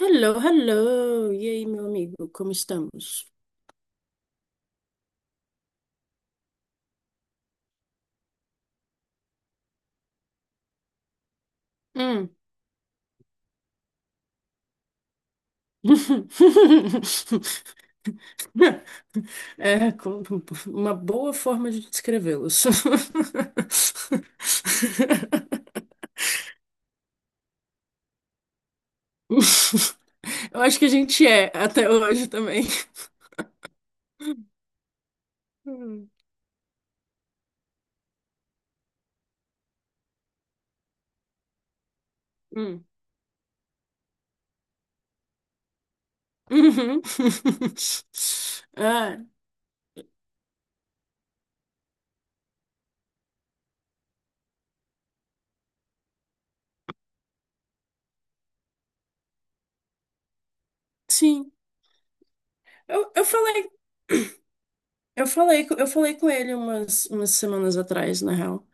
Hello, hello! E aí, meu amigo, como estamos? Hum. É, com- uma boa forma de descrevê-los. Eu acho que a gente é até hoje também. Hum. Hum. Uhum. Ah, sim. Eu, eu falei Eu falei, eu falei com ele umas, umas semanas atrás, na real.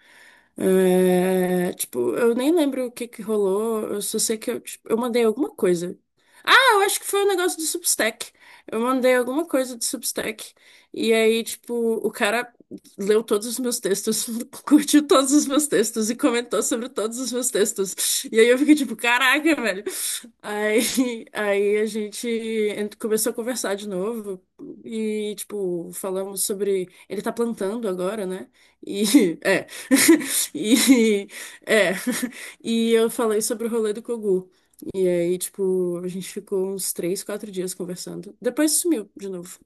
É, tipo, eu nem lembro o que que rolou, eu só sei que eu, tipo, eu mandei alguma coisa. Ah, eu acho que foi um negócio do Substack. Eu mandei alguma coisa do Substack. E aí, tipo, o cara leu todos os meus textos, curtiu todos os meus textos e comentou sobre todos os meus textos. E aí eu fiquei tipo, caraca, velho. Aí, aí a gente começou a conversar de novo e, tipo, falamos sobre. Ele tá plantando agora, né? E. É. E. É. E eu falei sobre o rolê do Kogu. E aí, tipo, a gente ficou uns três, quatro dias conversando. Depois sumiu de novo.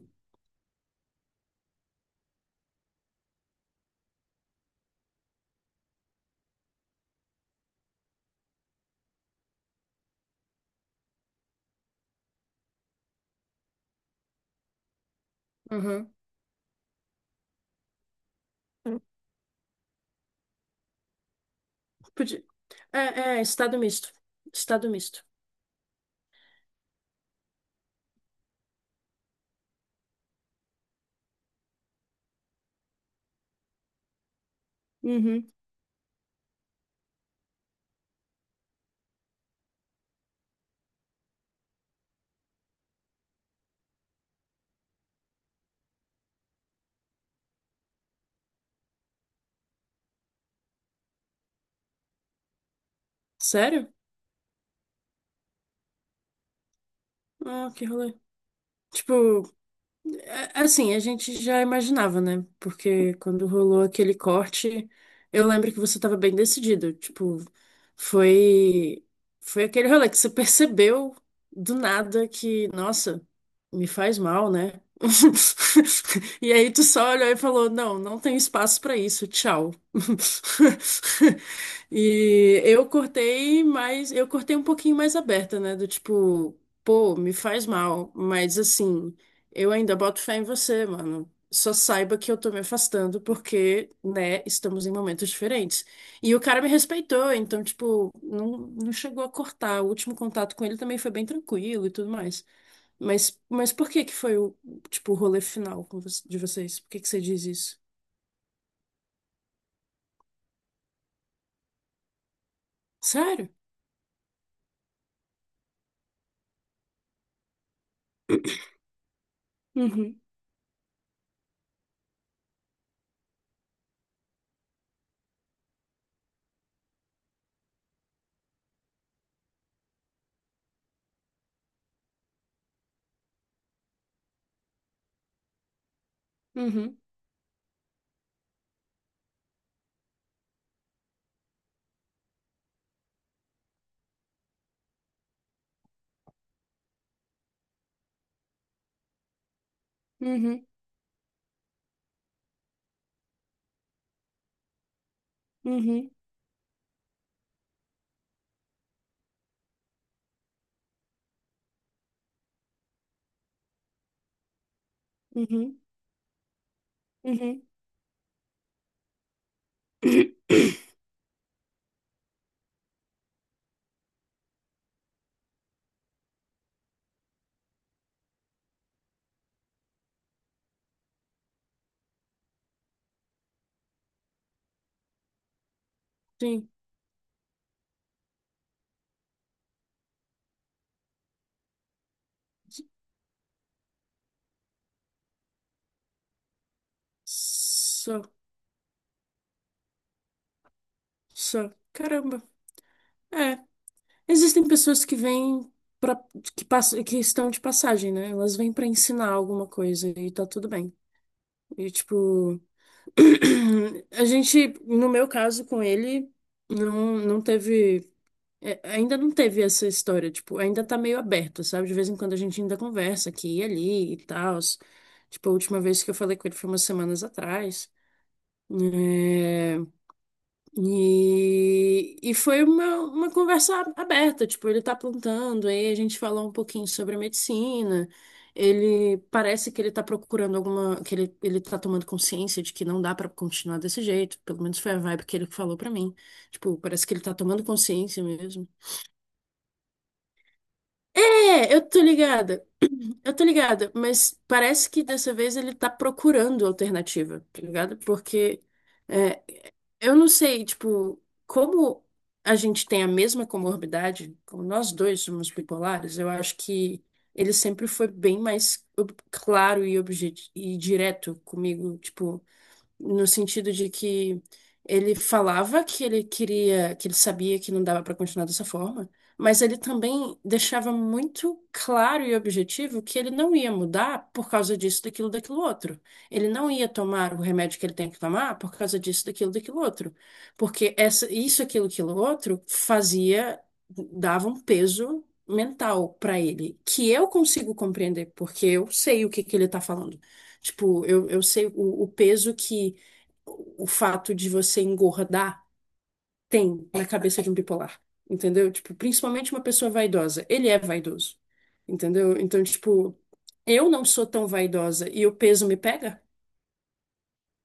Uhum. Podia... É, estado misto. Estado misto. Uhum. Sério? Ah, que rolê. Tipo, é, assim, a gente já imaginava, né? Porque quando rolou aquele corte, eu lembro que você estava bem decidido. Tipo, foi foi aquele rolê que você percebeu do nada que, nossa, me faz mal, né? E aí tu só olhou e falou, não, não tem espaço pra isso, tchau. E eu cortei mais, eu cortei um pouquinho mais aberta, né? Do tipo, pô, me faz mal, mas assim. Eu ainda boto fé em você, mano. Só saiba que eu tô me afastando porque, né, estamos em momentos diferentes. E o cara me respeitou, então, tipo, não, não chegou a cortar. O último contato com ele também foi bem tranquilo e tudo mais. Mas por que que foi o, tipo, o rolê final com de vocês? Por que que você diz isso? Sério? Uhum, uhum, uhum, uhum, uhum, uhum. Sim. Só, só. Caramba. É. Existem pessoas que vêm para que passam, que estão de passagem, né? Elas vêm para ensinar alguma coisa e tá tudo bem. E tipo, a gente, no meu caso com ele, não teve ainda não teve essa história, tipo, ainda tá meio aberto, sabe? De vez em quando a gente ainda conversa aqui e ali e tal. Tipo, a última vez que eu falei com ele foi umas semanas atrás. É, e foi uma conversa aberta, tipo, ele tá plantando, aí a gente falou um pouquinho sobre a medicina, ele parece que ele tá procurando alguma, que ele tá tomando consciência de que não dá pra continuar desse jeito, pelo menos foi a vibe que ele falou pra mim, tipo, parece que ele tá tomando consciência mesmo. É, eu tô ligada, mas parece que dessa vez ele tá procurando alternativa, tá ligado? Porque... é, eu não sei, tipo, como a gente tem a mesma comorbidade, como nós dois somos bipolares, eu acho que ele sempre foi bem mais claro e, e direto comigo, tipo, no sentido de que ele falava que ele queria, que ele sabia que não dava para continuar dessa forma, mas ele também deixava muito claro e objetivo que ele não ia mudar por causa disso, daquilo, daquilo outro. Ele não ia tomar o remédio que ele tem que tomar por causa disso, daquilo, daquilo outro, porque essa, isso, aquilo, aquilo outro fazia, dava um peso mental para ele, que eu consigo compreender, porque eu sei o que que ele tá falando. Tipo, eu sei o peso que o fato de você engordar tem na cabeça de um bipolar, entendeu? Tipo, principalmente uma pessoa vaidosa. Ele é vaidoso, entendeu? Então, tipo, eu não sou tão vaidosa e o peso me pega?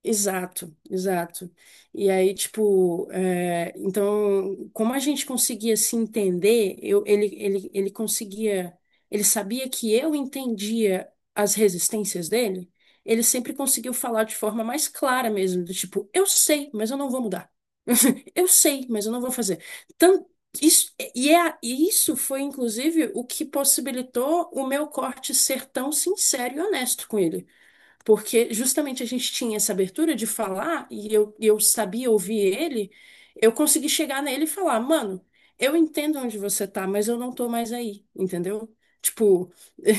Exato, exato. E aí, tipo, é, então, como a gente conseguia se entender, eu, ele conseguia, ele sabia que eu entendia as resistências dele, ele sempre conseguiu falar de forma mais clara mesmo, do tipo, eu sei, mas eu não vou mudar. Eu sei, mas eu não vou fazer. Tan- isso, e isso foi, inclusive, o que possibilitou o meu corte ser tão sincero e honesto com ele porque justamente a gente tinha essa abertura de falar e eu sabia ouvir ele, eu consegui chegar nele e falar, mano, eu entendo onde você tá, mas eu não tô mais aí, entendeu? Tipo,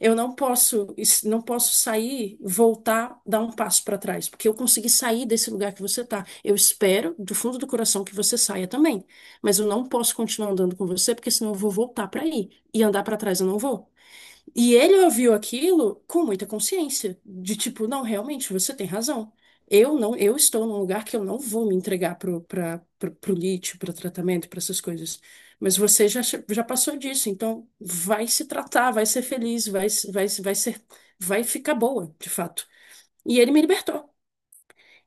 eu não posso, não posso sair, voltar, dar um passo pra trás, porque eu consegui sair desse lugar que você tá. Eu espero do fundo do coração que você saia também, mas eu não posso continuar andando com você, porque senão eu vou voltar pra aí e andar pra trás eu não vou. E ele ouviu aquilo com muita consciência, de tipo, não, realmente, você tem razão. Eu não, eu estou num lugar que eu não vou me entregar pro lítio, para tratamento, para essas coisas. Mas você já, já passou disso, então vai se tratar, vai ser feliz, vai, se- vai, se- vai ser, vai ficar boa, de fato. E ele me libertou.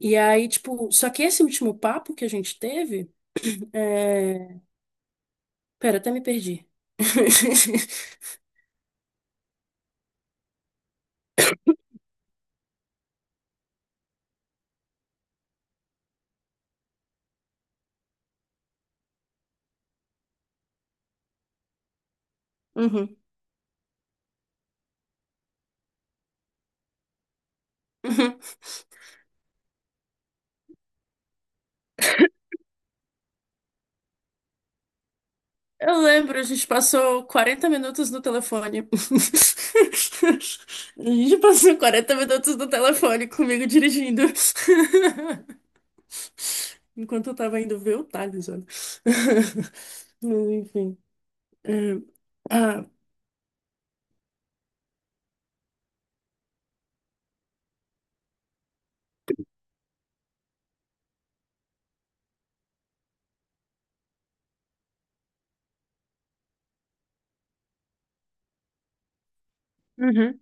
E aí, tipo, só que esse último papo que a gente teve, é... Pera, até me perdi. Uhum. Eu lembro, a gente passou 40 minutos no telefone. A gente passou 40 minutos no telefone comigo dirigindo. Enquanto eu tava indo ver o Thales, olha. Mas, enfim. é, ah, Uhum.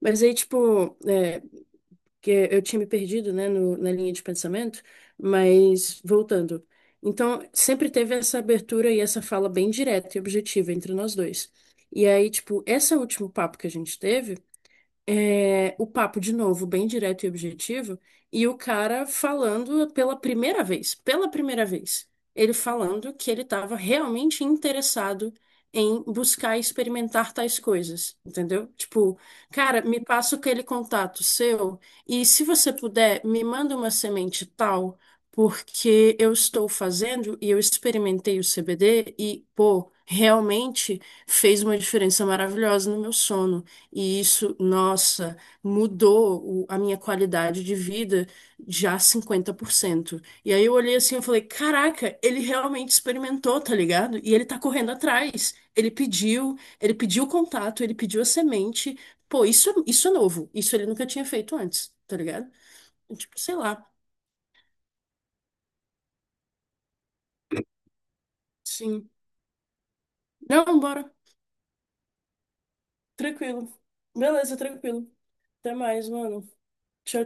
Mas aí, tipo, é, que eu tinha me perdido, né, na linha de pensamento, mas voltando. Então, sempre teve essa abertura e essa fala bem direta e objetiva entre nós dois. E aí, tipo, esse último papo que a gente teve é, o papo de novo, bem direto e objetivo, e o cara falando pela primeira vez, ele falando que ele estava realmente interessado em buscar experimentar tais coisas, entendeu? Tipo, cara, me passa aquele contato seu e se você puder, me manda uma semente tal, porque eu estou fazendo e eu experimentei o CBD e, pô, realmente fez uma diferença maravilhosa no meu sono. E isso, nossa, mudou a minha qualidade de vida já 50%. E aí eu olhei assim e falei, caraca, ele realmente experimentou, tá ligado? E ele tá correndo atrás. Ele pediu o contato, ele pediu a semente. Pô, isso, isso é novo. Isso ele nunca tinha feito antes, tá ligado? Tipo, sei lá. Sim. Não, bora. Tranquilo. Beleza, tranquilo. Até mais, mano. Tchau,